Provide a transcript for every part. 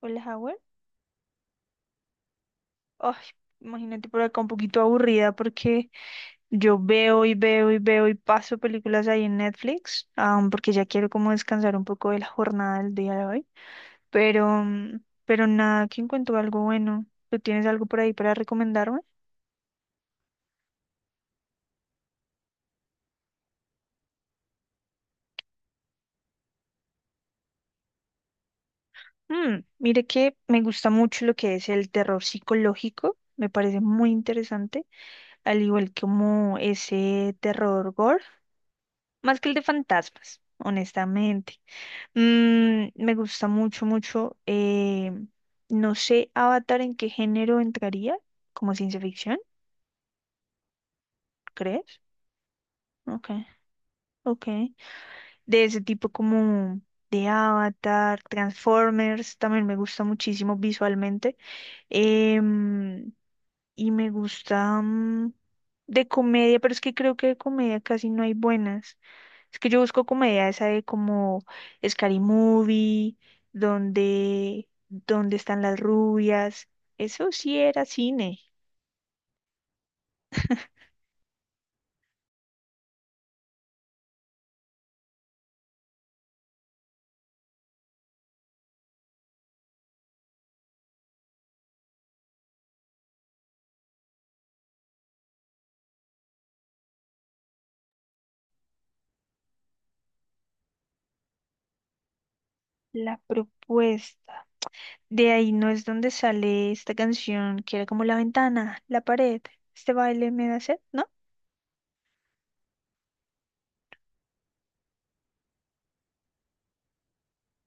Hola, Howard. Ay, imagínate por acá un poquito aburrida porque yo veo y veo y veo y paso películas ahí en Netflix, porque ya quiero como descansar un poco de la jornada del día de hoy. Pero, mm, pero nada, que encuentro algo bueno. ¿Tú tienes algo por ahí para recomendarme? Mire que me gusta mucho lo que es el terror psicológico. Me parece muy interesante, al igual como ese terror gore, más que el de fantasmas, honestamente. Me gusta mucho, mucho. No sé, Avatar, ¿en qué género entraría? ¿Como ciencia ficción, crees? Ok, ok. De ese tipo como de Avatar, Transformers, también me gusta muchísimo visualmente. Em, y me gusta de comedia, pero es que creo que de comedia casi no hay buenas. Es que yo busco comedia esa de como Scary Movie, donde están las rubias. Eso sí era cine. La propuesta. De ahí no es donde sale esta canción que era como la ventana, la pared. Este baile me da sed, ¿no?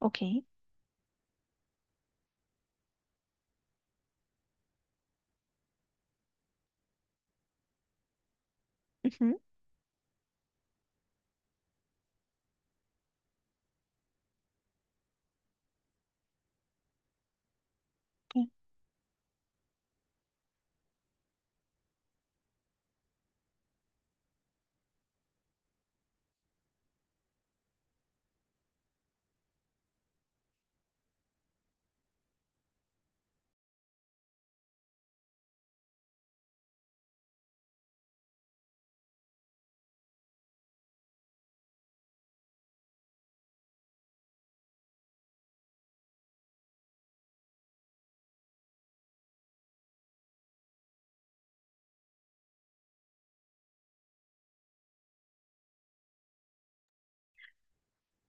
Ok. Ujú.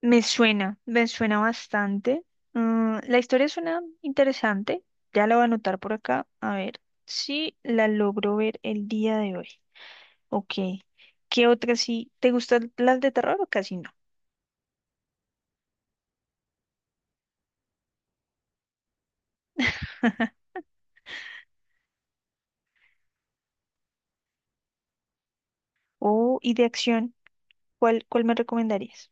Me suena bastante. La historia suena interesante. Ya la voy a anotar por acá. A ver si la logro ver el día de hoy. Ok. ¿Qué otra sí? ¿Te gustan las de terror o casi no? Oh, y de acción, ¿cuál me recomendarías?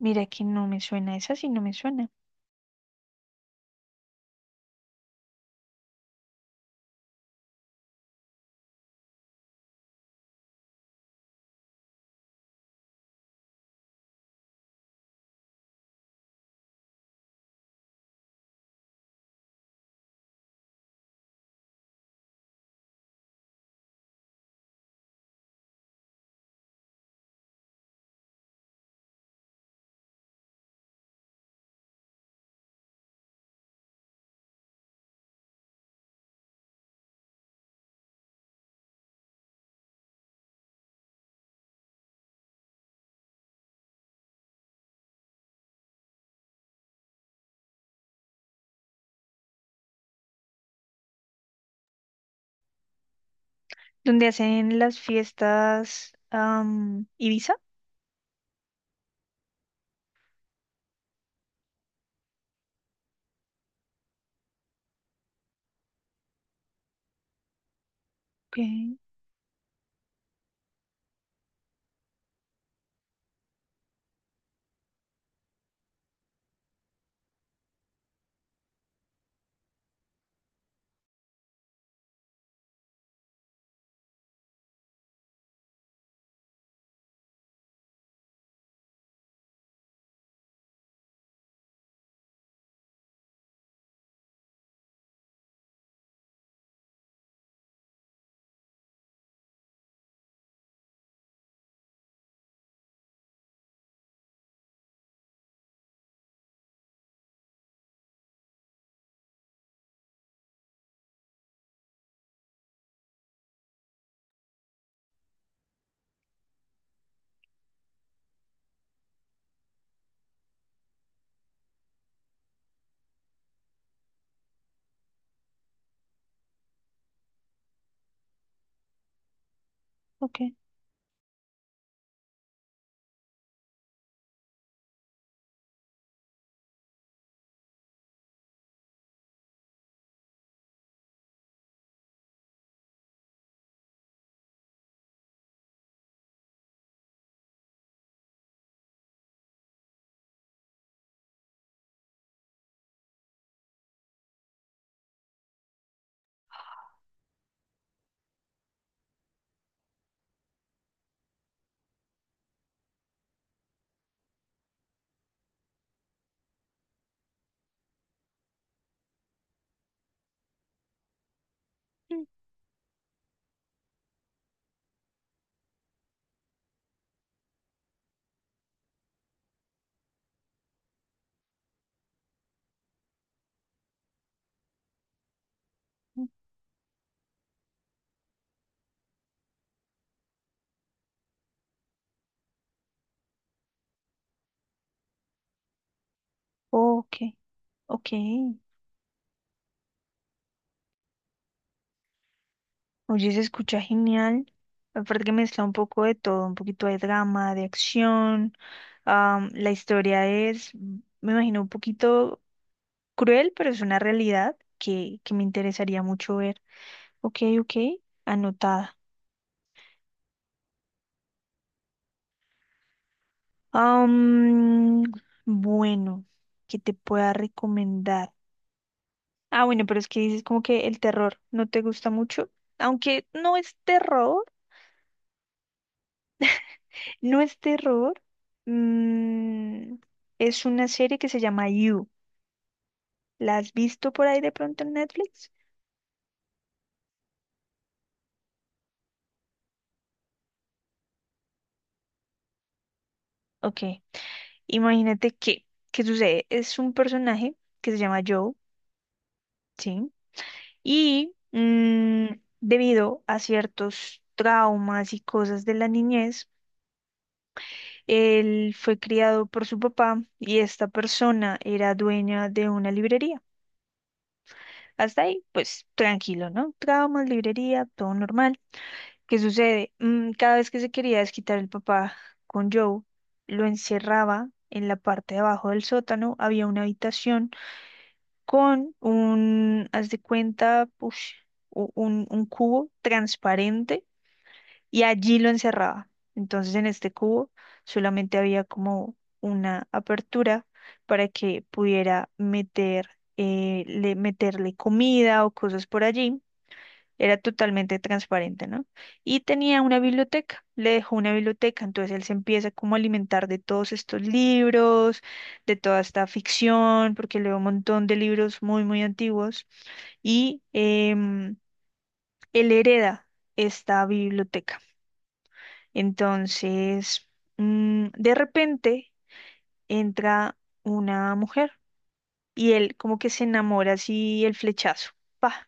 Mira que no me suena, esa sí no me suena. ¿Dónde hacen las fiestas Ibiza? Ok, ok. Mm, mm. Ok, ok. Oye, se escucha genial. Aparte que mezcla un poco de todo, un poquito de drama, de acción. La historia es, me imagino, un poquito cruel, pero es una realidad que me interesaría mucho ver. Ok, ok, anotada. Am, bueno, que te pueda recomendar. Ah, bueno, pero es que dices como que el terror no te gusta mucho. Aunque no es terror, no es terror. mm, es una serie que se llama You. ¿La has visto por ahí de pronto en Netflix? Ok, imagínate que, ¿qué sucede? Es un personaje que se llama Joe, ¿sí? Y mm, Debido a ciertos traumas y cosas de la niñez, él fue criado por su papá y esta persona era dueña de una librería. Hasta ahí, pues tranquilo, ¿no? Traumas, librería, todo normal. ¿Qué sucede? Cada vez que se quería desquitar el papá con Joe, lo encerraba en la parte de abajo del sótano. Había una habitación con un, haz de cuenta, push, un cubo transparente y allí lo encerraba. Entonces en este cubo solamente había como una apertura para que pudiera meter, meterle comida o cosas por allí, era totalmente transparente, ¿no? Y tenía una biblioteca, le dejó una biblioteca, entonces él se empieza como a alimentar de todos estos libros, de toda esta ficción, porque leo un montón de libros muy, muy antiguos, y él hereda esta biblioteca. Entonces, de repente entra una mujer y él como que se enamora así el flechazo. ¡Pa!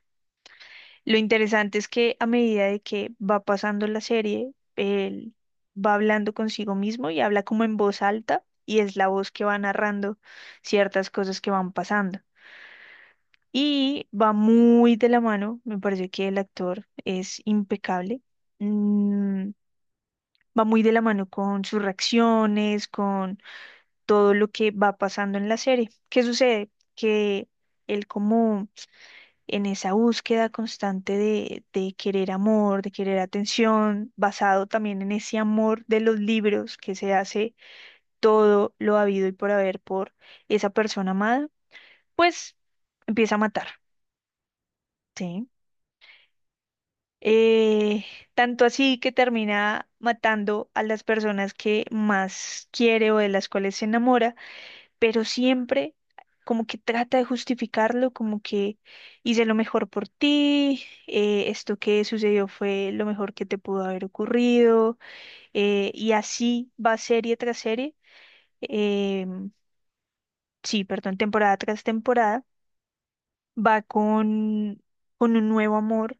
Lo interesante es que a medida de que va pasando la serie, él va hablando consigo mismo y habla como en voz alta y es la voz que va narrando ciertas cosas que van pasando. Y va muy de la mano, me parece que el actor es impecable. mm, Va muy de la mano con sus reacciones, con todo lo que va pasando en la serie. ¿Qué sucede? Que él como en esa búsqueda constante de querer amor, de querer atención, basado también en ese amor de los libros que se hace todo lo habido y por haber por esa persona amada, pues empieza a matar, ¿sí? Eh, Tanto así que termina matando a las personas que más quiere o de las cuales se enamora, pero siempre como que trata de justificarlo, como que hice lo mejor por ti, esto que sucedió fue lo mejor que te pudo haber ocurrido, y así va serie tras serie, eh, sí, perdón, temporada tras temporada, va con, un nuevo amor.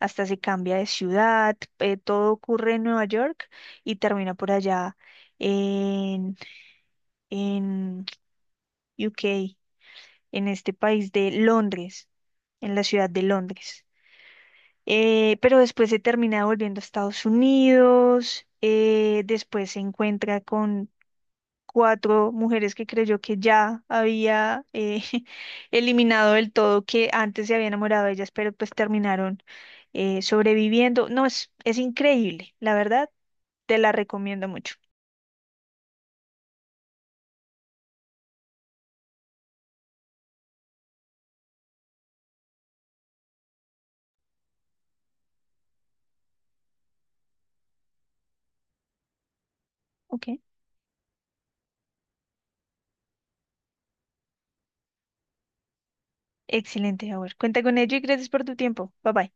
Hasta se cambia de ciudad, todo ocurre en Nueva York y termina por allá en, en UK. En este país de Londres, en la ciudad de Londres. Pero después se termina volviendo a Estados Unidos, después se encuentra con cuatro mujeres que creyó que ya había eliminado del todo, que antes se había enamorado de ellas, pero pues terminaron sobreviviendo. No, es, increíble, la verdad, te la recomiendo mucho. Ok, excelente, Howard. Cuenta con ello y gracias por tu tiempo. Bye bye.